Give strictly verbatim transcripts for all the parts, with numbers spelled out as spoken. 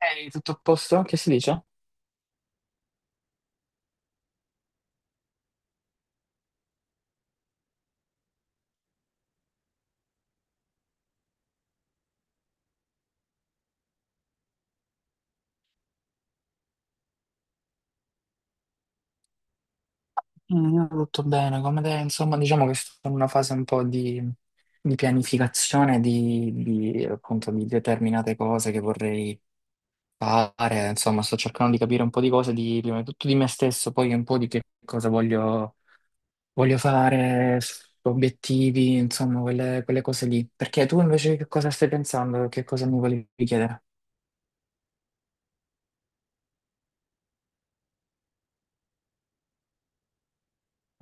Ehi, tutto a posto? Che si dice? Mm, io tutto bene, come te, insomma, diciamo che sto in una fase un po' di, di pianificazione di, di, appunto, di determinate cose che vorrei fare, insomma, sto cercando di capire un po' di cose, di, prima di tutto di me stesso, poi un po' di che cosa voglio, voglio fare, s- obiettivi, insomma, quelle, quelle cose lì. Perché tu invece che cosa stai pensando? Che cosa mi volevi chiedere?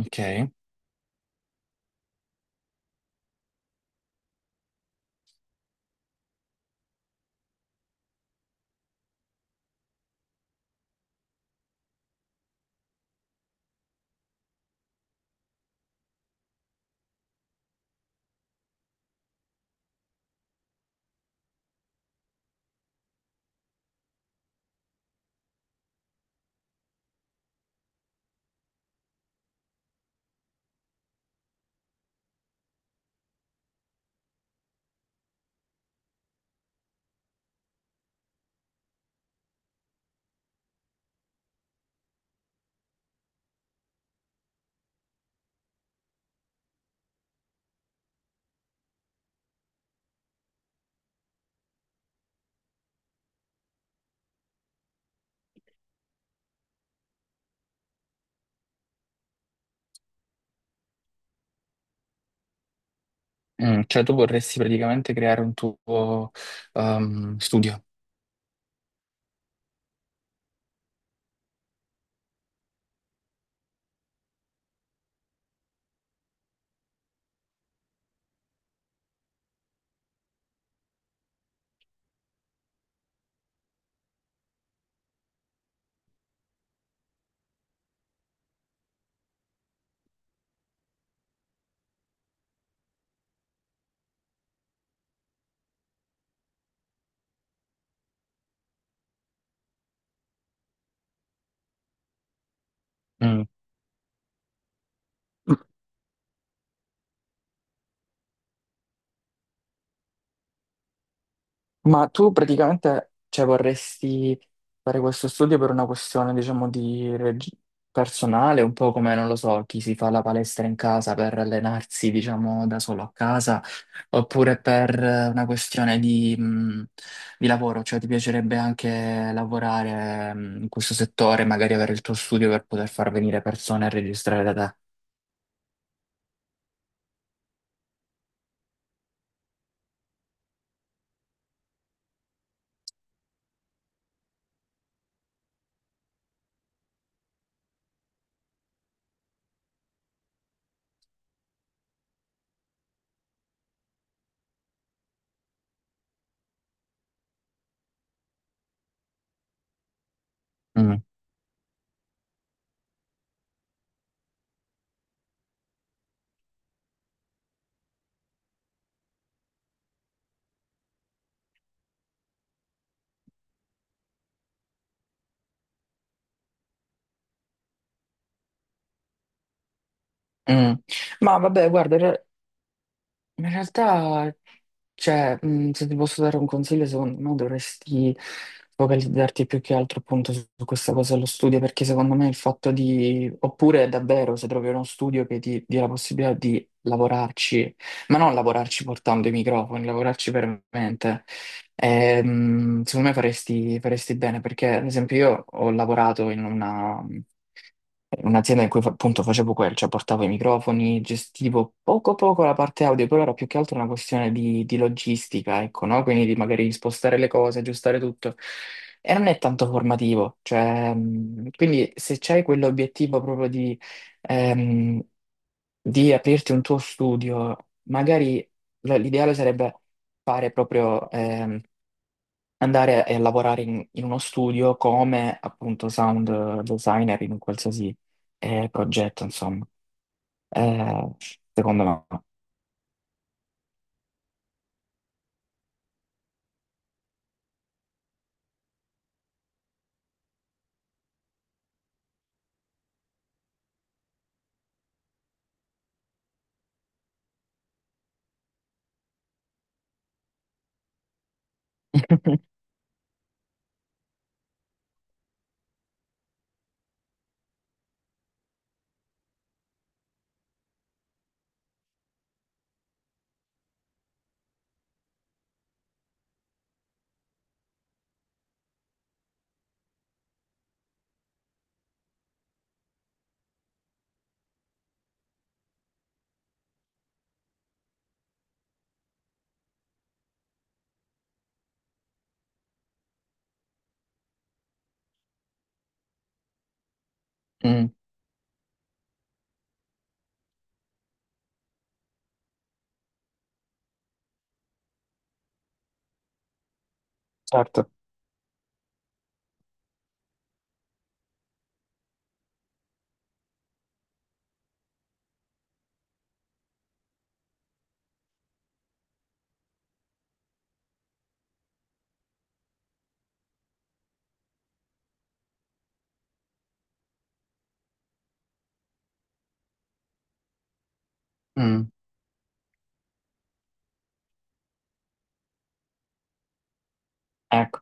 Ok, Mm, cioè tu vorresti praticamente creare un tuo ehm, studio. Ma tu praticamente, cioè, vorresti fare questo studio per una questione, diciamo, di reg- personale, un po' come, non lo so, chi si fa la palestra in casa per allenarsi, diciamo, da solo a casa, oppure per eh, una questione di, mh, di lavoro, cioè ti piacerebbe anche lavorare, mh, in questo settore, magari avere il tuo studio per poter far venire persone a registrare da te. Mm. Mm. Ma vabbè, guarda, in realtà, cioè, mh, se ti posso dare un consiglio, secondo me dovresti focalizzarti più che altro appunto su su questa cosa dello studio, perché secondo me il fatto di, oppure davvero se trovi uno studio che ti dia la possibilità di lavorarci, ma non lavorarci portando i microfoni, lavorarci veramente, ehm, secondo me faresti, faresti bene, perché ad esempio io ho lavorato in una Un'azienda in cui fa- appunto facevo quel, cioè portavo i microfoni, gestivo poco poco la parte audio, però era più che altro una questione di, di logistica, ecco, no? Quindi di magari spostare le cose, aggiustare tutto. E non è tanto formativo, cioè, mh, quindi se c'hai quell'obiettivo proprio di, ehm, di aprirti un tuo studio, magari l- l'ideale sarebbe fare proprio, ehm, andare a lavorare in, in uno studio come appunto sound designer in un qualsiasi eh, progetto, insomma. Eh, secondo me. Mm, certo. Mm, ecco.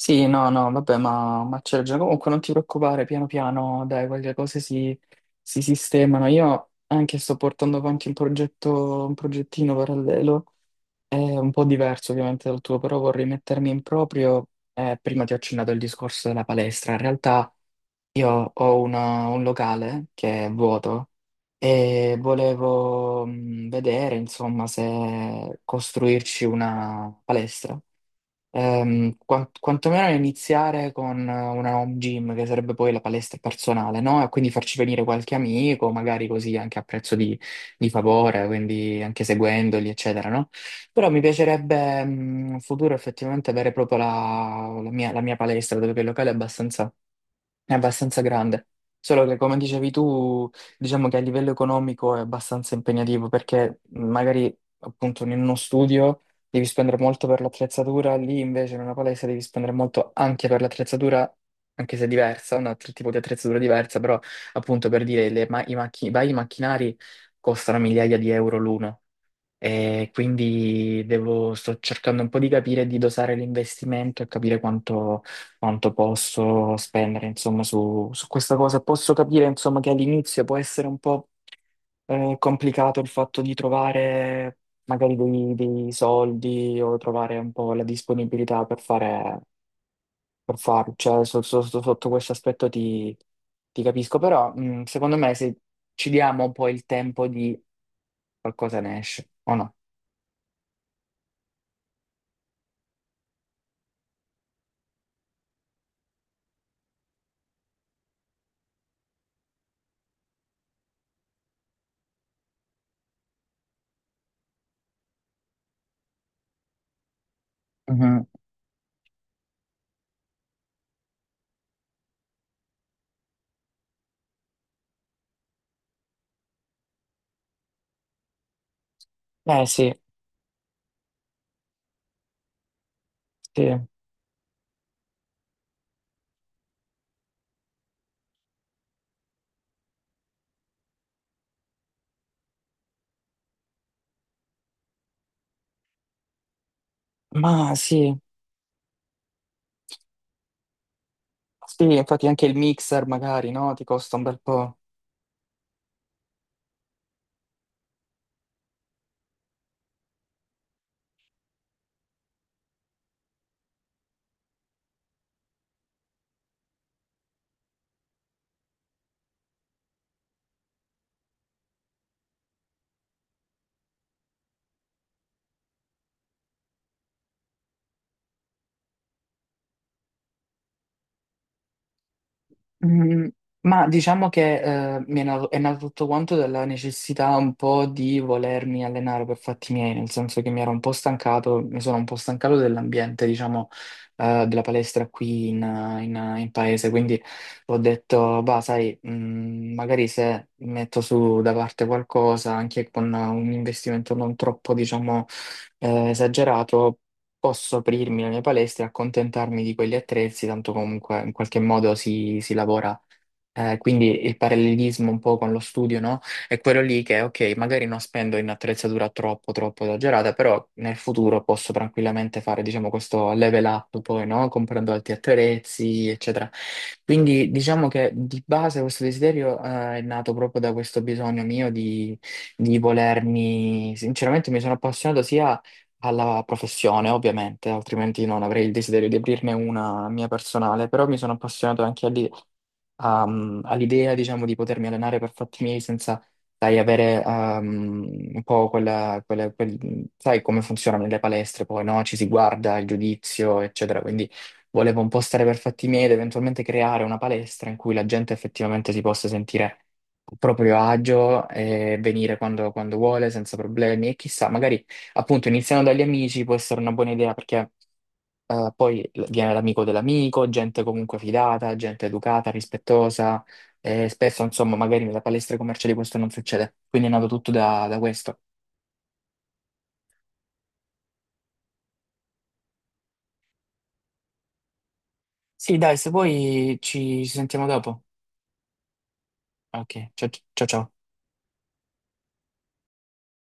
Sì, no, no, vabbè, ma, ma c'è già. Comunque non ti preoccupare, piano piano, dai, quelle cose si, si sistemano. Io anche sto portando avanti un progetto, un progettino parallelo, è un po' diverso ovviamente dal tuo, però vorrei mettermi in proprio. Eh, prima ti ho accennato il discorso della palestra. In realtà io ho una- un locale che è vuoto e volevo mh, vedere, insomma, se costruirci una palestra. Ehm, quan- quantomeno iniziare con eh, una home gym, che sarebbe poi la palestra personale, no? E quindi farci venire qualche amico, magari così anche a prezzo di, di favore, quindi anche seguendoli, eccetera, no? Però mi piacerebbe mh, in futuro effettivamente avere proprio la, la mia, la mia palestra, dove che il locale è abbastanza è abbastanza grande, solo che come dicevi tu, diciamo che a livello economico è abbastanza impegnativo perché mhmm, magari appunto in uno studio devi spendere molto per l'attrezzatura, lì invece in una palestra devi spendere molto anche per l'attrezzatura, anche se diversa, un altro tipo di attrezzatura diversa, però appunto per dire le ma- i macchi- i vari macchinari costano migliaia di euro l'uno. E quindi devo- sto cercando un po' di capire, di dosare l'investimento e capire quanto, quanto posso spendere, insomma, su, su questa cosa. Posso capire, insomma, che all'inizio può essere un po' eh, complicato il fatto di trovare magari dei, dei soldi o trovare un po' la disponibilità per fare, per farlo. Cioè, so- so- so- sotto questo aspetto ti, ti capisco, però mh, secondo me se ci diamo un po' il tempo di qualcosa ne esce, o no? Eh sì, sì, ma sì, sì, infatti anche il mixer magari, no? Ti costa un bel po'. Mm, Ma diciamo che eh, mi è nato, è nato tutto quanto dalla necessità un po' di volermi allenare per fatti miei, nel senso che mi ero un po' stancato, mi sono un po' stancato dell'ambiente, diciamo, eh, della palestra qui in, in- in paese, quindi ho detto, bah, sai, mm, magari se metto su da parte qualcosa, anche con un investimento non troppo, diciamo, eh, esagerato. Posso aprirmi la mia palestra e accontentarmi di quegli attrezzi, tanto comunque in qualche modo si, si lavora eh, quindi il parallelismo un po' con lo studio, no? È quello lì che, ok, magari non spendo in attrezzatura troppo, troppo esagerata, però nel futuro posso tranquillamente fare, diciamo, questo level up poi, no? Comprando altri attrezzi, eccetera. Quindi diciamo che di base questo desiderio, eh, è nato proprio da questo bisogno mio di, di volermi, sinceramente mi sono appassionato sia alla professione, ovviamente, altrimenti non avrei il desiderio di aprirne una mia personale, però mi sono appassionato anche a- all'idea, diciamo, di potermi allenare per fatti miei senza, sai, avere ehm, un po' quella, quella- quel- sai come funzionano le palestre poi, no? Ci si guarda, il giudizio, eccetera. Quindi volevo un po' stare per fatti miei ed eventualmente creare una palestra in cui la gente effettivamente si possa sentire a proprio agio e venire quando, quando vuole, senza problemi. E chissà, magari appunto iniziando dagli amici può essere una buona idea perché. Eh, poi l- viene l'amico dell'amico, gente comunque fidata, gente educata, rispettosa, e spesso, insomma, magari nella palestra commerciali questo non succede. Quindi è nato tutto da, da questo. Sì, dai, se vuoi ci ci sentiamo dopo. Ok, ciao ciao ciao.